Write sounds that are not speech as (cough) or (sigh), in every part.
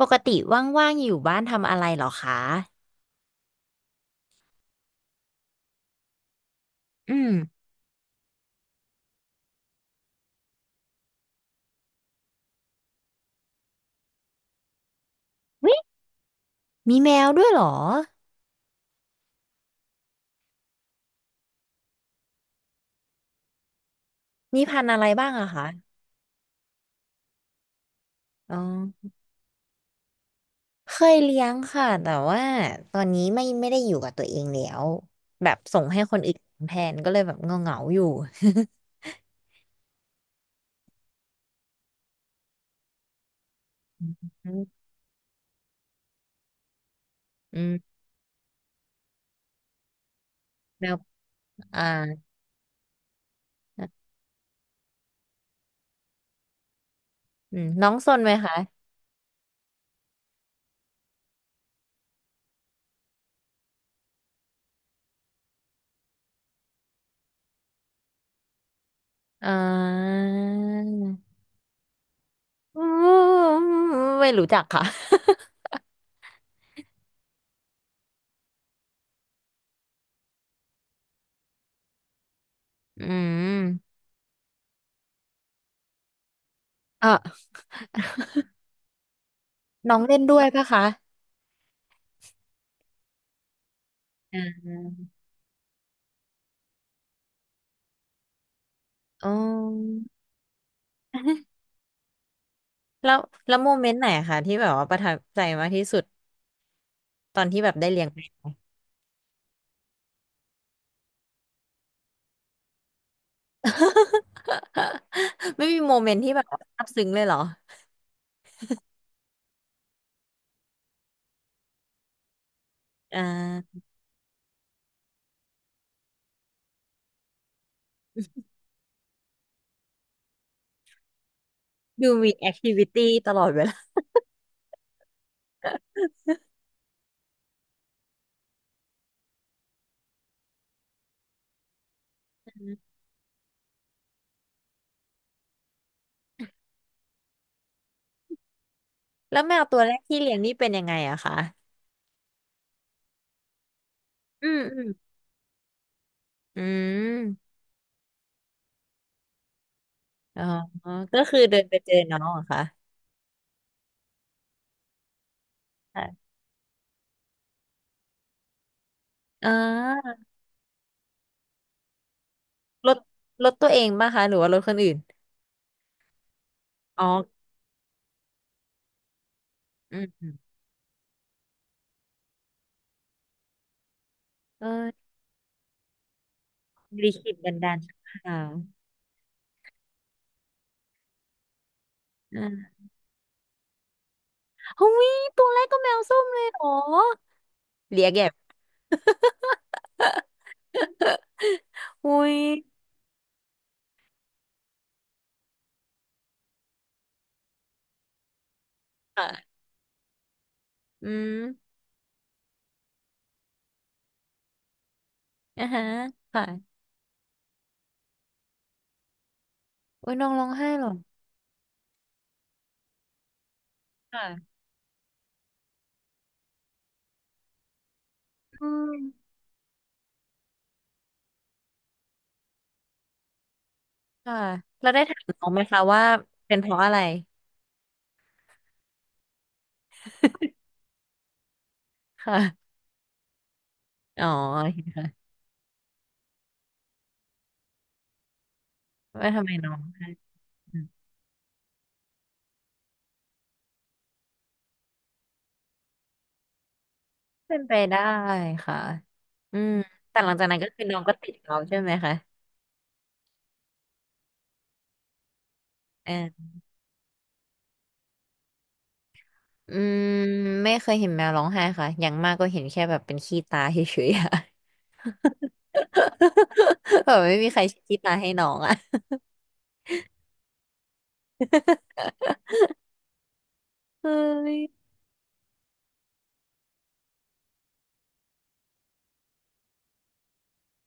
ปกติว่างๆอยู่บ้านทำอะไรเหรอคะอืมวิมีแมวด้วยเหรอ มีพันธุ์อะไรบ้างอะคะอ๋อเคยเลี้ยงค่ะ แต่ว่าตอนนี้ไม่ได้อยู่กับตัวเองแล้ว แบบส่งให้คนอื่นแทนก็เลยแบบเงาอยู่ (laughs) อืมอืมแมวอ่าอืมน้องซนไหมคะอ่าอืมไม่รู้จักค่ะ (laughs) อืม (laughs) อ่ะน้องเล่นด้วยปะคะอ่าอ๋อ แล้วแล้วโมเมนต์ไหนอะคะที่แบบว่าประทับใจมากที่สุดตอนที่แบบได้เลี้ยงแมว (laughs) ไม่มีโมเมนต์ที่แบบซาบซึ้งเลยเหรออ่าดูมีแอคทิวิตี้ตลอดเวลา (laughs) แล้วแมวตัวแรกที่เลี้ยงนี่เป็นยังไงอะคะอืมอืมอืมอ๋อก็คือเดินไปเจอน้องเหรอคะค่ะอ่ารถรถตัวเองป่ะคะหรือว่ารถคนอื่นอ๋ออืมอืมเออบริคิดบันดาลค่ะ หุ้ยตัวแรกก็แมวส้มเลยเหรอเลียแก็บ (laughs) อุ้ยค่ะอืมอ่าฮะค่ะโอ้ยน้องร้องไห้เหรอค่ะอืมค่ะแล้วได้ถามน้องไหมคะว่าเป็นเพราะอะไรค่ะอ๋อว่าทำไมน้องไห้อืมเป็นไปได้ค่ะอืมแต่หลังจากนั้นก็คือน้องก็ติดเราใช่ไหมคะเอออืมไม่เคยเห็นแมวร้องไห้ค่ะอย่างมากก็เห็นแค่แบบเป็นขี้ตาเฉยๆอะ (laughs) แบบไม่มีใครคิดมาให้น้องอ่ะเฮ้ย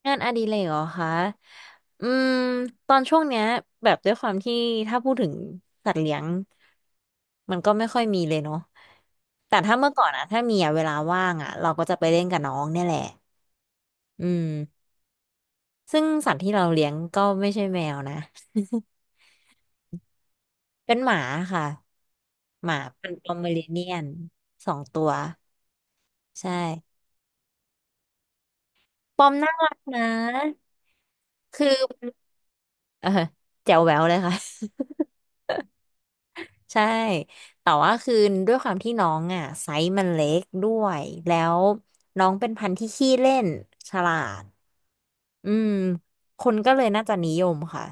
งานอดิเรกเหรอคะอืมตอนช่วงเนี้ยแบบด้วยความที่ถ้าพูดถึงสัตว์เลี้ยงมันก็ไม่ค่อยมีเลยเนาะแต่ถ้าเมื่อก่อนอะถ้ามีอะเวลาว่างอะเราก็จะไปเล่นกับน้องเนี่ยแหละอืมซึ่งสัตว์ที่เราเลี้ยงก็ไม่ใช่แมวนะ (laughs) เป็นหมาค่ะหมาเป็นปอมเมอเรเนียนสองตัวใช่ปอมน่ารักนะคือ เออแจ๋วแหววเลยค่ะ (laughs) ใช่แต่ว่าคือด้วยความที่น้องอ่ะไซส์มันเล็กด้วยแล้วน้องเป็นพันธุ์ที่ขี้เล่นฉลาดอืมคนก็เลยน่าจะนิยมค่ะ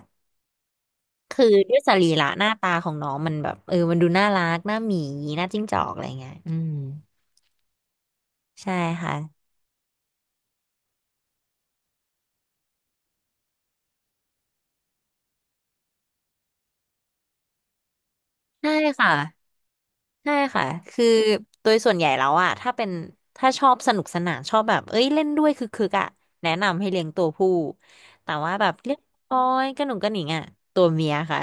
คือด้วยสรีระหน้าตาของน้องมันแบบเออมันดูน่ารักหน้าหมีหน้าจิ้งจอกอะไรเงี้ยอืมใช่ค่ะใช่ค่ะ ใช่ค่ะคือโดยส่วนใหญ่แล้วอะถ้าเป็นถ้าชอบสนุกสนานชอบแบบเอ้ยเล่นด้วยคือคึกๆอะแนะนำให้เลี้ยงตัวผู้แต่ว่าแบบเรียบร้อยกระหนุ่งกระหนิงอะตัวเมียค่ะ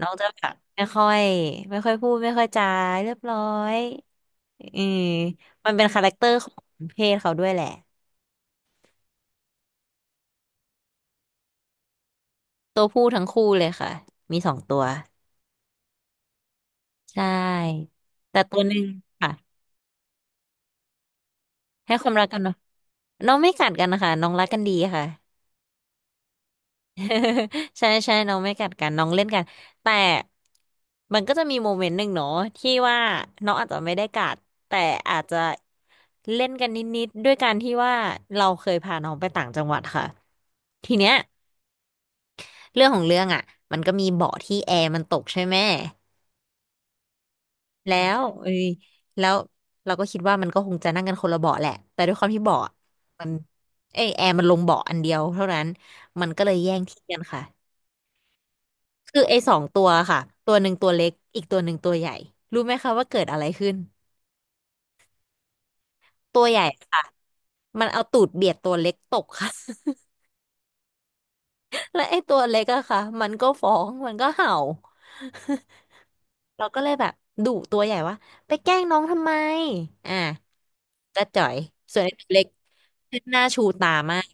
น้องจะแบบไม่ค่อยพูดไม่ค่อยจาเรียบร้อยอืมมันเป็นคาแรคเตอร์ของเพศเขาด้วยแหละตัวผู้ทั้งคู่เลยค่ะมีสองตัวใช่แต่ตัวหนึ่งค่ะให้ความรักกันเนาะน้องไม่กัดกันนะคะน้องรักกันดีค่ะ (laughs) ใช่ใช่น้องไม่กัดกันน้องเล่นกันแต่มันก็จะมีโมเมนต์หนึ่งเนาะที่ว่าน้องอาจจะไม่ได้กัดแต่อาจจะเล่นกันนิดๆด้วยการที่ว่าเราเคยพาน้องไปต่างจังหวัดค่ะทีเนี้ยเรื่องของเรื่องอ่ะมันก็มีเบาะที่แอร์มันตกใช่ไหมแล้วเอ้ยแล้วเราก็คิดว่ามันก็คงจะนั่งกันคนละเบาะแหละแต่ด้วยความที่เบาะมันเอยแอร์มันลงเบาะอันเดียวเท่านั้นมันก็เลยแย่งที่กันค่ะ คือไอ้สองตัวค่ะตัวหนึ่งตัวเล็กอีกตัวหนึ่งตัวใหญ่รู้ไหมคะว่าเกิดอะไรขึ้นตัวใหญ่ค่ะมันเอาตูดเบียดตัวเล็กตกค่ะ (laughs) และไอ้ตัวเล็กอะค่ะมันก็ฟ้องมันก็เห่า (laughs) เราก็เลยแบบดุตัวใหญ่ว่าไปแกล้งน้องทำไมอ่าจะจ่อยส่วนไอ้ตัวเล็กหน้าชูตามาก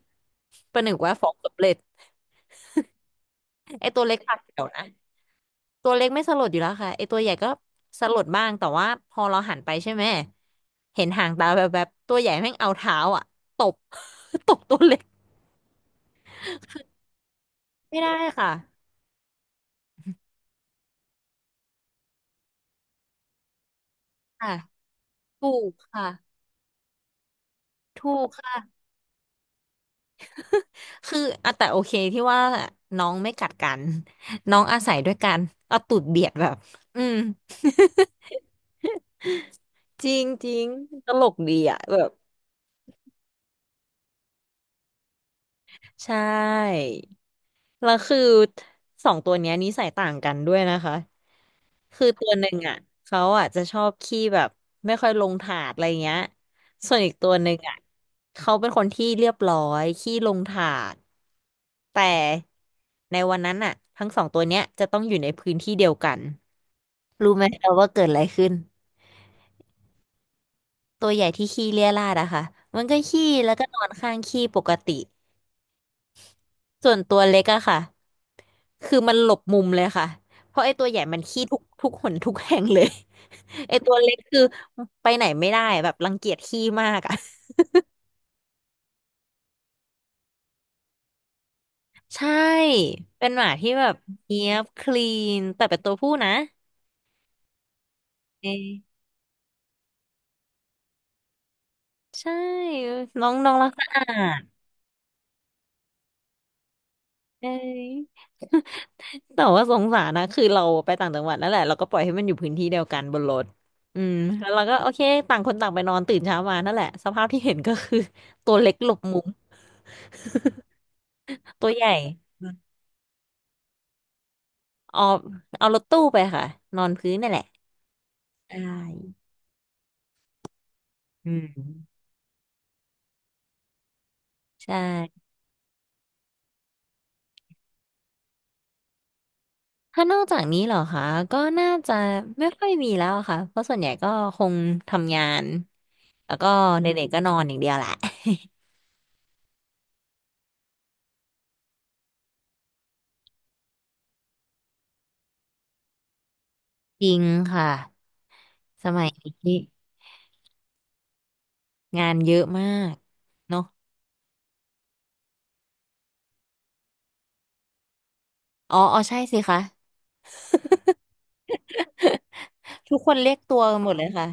ประหนึ่งว่าฟ้องสำเร็จไอ้ตัวเล็กปากเขียวนะ ตัวเล็กไม่สลดอยู่แล้วค่ะไอตัวใหญ่ก็สลดบ้างแต่ว่าพอเราหันไปใช่ไหมเห็นหางตาแบบตัวใหญ่แม่งเอาเท้าอ่ะตบ (laughs) ตบตัวเล็กไม่ได้ค่ะค่ะถูกค่ะถูกค่ะคืออ่ะแต่โอเคที่ว่าน้องไม่กัดกันน้องอาศัยด้วยกันเอาตูดเบียดแบบอืมจริงจริงตลกดีอ่ะแบบใช่แล้วคือสองตัวเนี้ยนิสัยต่างกันด้วยนะคะ คือตัวหนึ่งอ่ะเขาอ่ะจะชอบขี้แบบไม่ค่อยลงถาดอะไรเงี้ยส่วนอีกตัวหนึ่งอ่ะเขาเป็นคนที่เรียบร้อยขี้ลงถาดแต่ในวันนั้นอ่ะทั้งสองตัวเนี้ยจะต้องอยู่ในพื้นที่เดียวกันรู้ไหมเราว่าเกิดอะไรขึ้นตัวใหญ่ที่ขี้เรี่ยราดอะค่ะมันก็ขี้แล้วก็นอนข้างขี้ปกติ ส่วนตัวเล็กอะค่ะ คือมันหลบมุมเลยค่ะ เพราะไอ้ตัวใหญ่มันขี้ทุกหนทุกแห่งเลย (laughs) ไอ้ตัวเล็กคือไปไหนไม่ได้แบบรังเกียจขี้มากอะ (laughs) ใช่ เป็นหมาที่แบบเนียบคลีนแต่เป็นตัวผู้นะเอยใช่ น้องน้องรักสะอาดเอย (laughs) แต่ว่าสงสารนะคือเราไปต่างจังหวัดนั่นแหละเราก็ปล่อยให้มันอยู่พื้นที่เดียวกันบนรถอืมแล้วเราก็โอเคต่างคนต่างไปนอนตื่นเช้ามานั่นแหละสภาพที่เห็นก็คือตัวเล็กหลบมุมตัวใหญ่เอารถตู้ไปค่ะนอนพื้นนั่นแหละใช่อืมใช่ถ้านอกจากนี้เหรอคะก็น่าจะไม่ค่อยมีแล้วอะค่ะเพราะส่วนใหญ่ก็คงทำงานแล้วก็เด็กๆก็นอนอย่างเดียวแหละจริงค่ะสมัยนี้งานเยอะมากเนาะ อ๋ออ๋อ ใช่สิคะทุกคนเรียกตัวกันหมดเลยค่ะ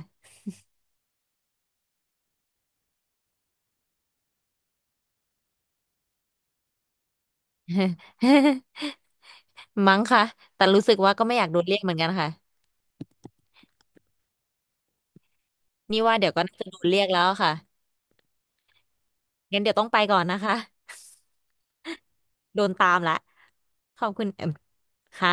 (laughs) มั้งค่ะแต่รู้สึกว่าก็ไม่อยากโดนเรียกเหมือนกันค่ะนี่ว่าเดี๋ยวก็น่าจะโดนเรียกแล้วค่ะงั้นเดี๋ยวต้องไปก่อนนะคะ (laughs) โดนตามละขอบคุณเอิ่มค่ะ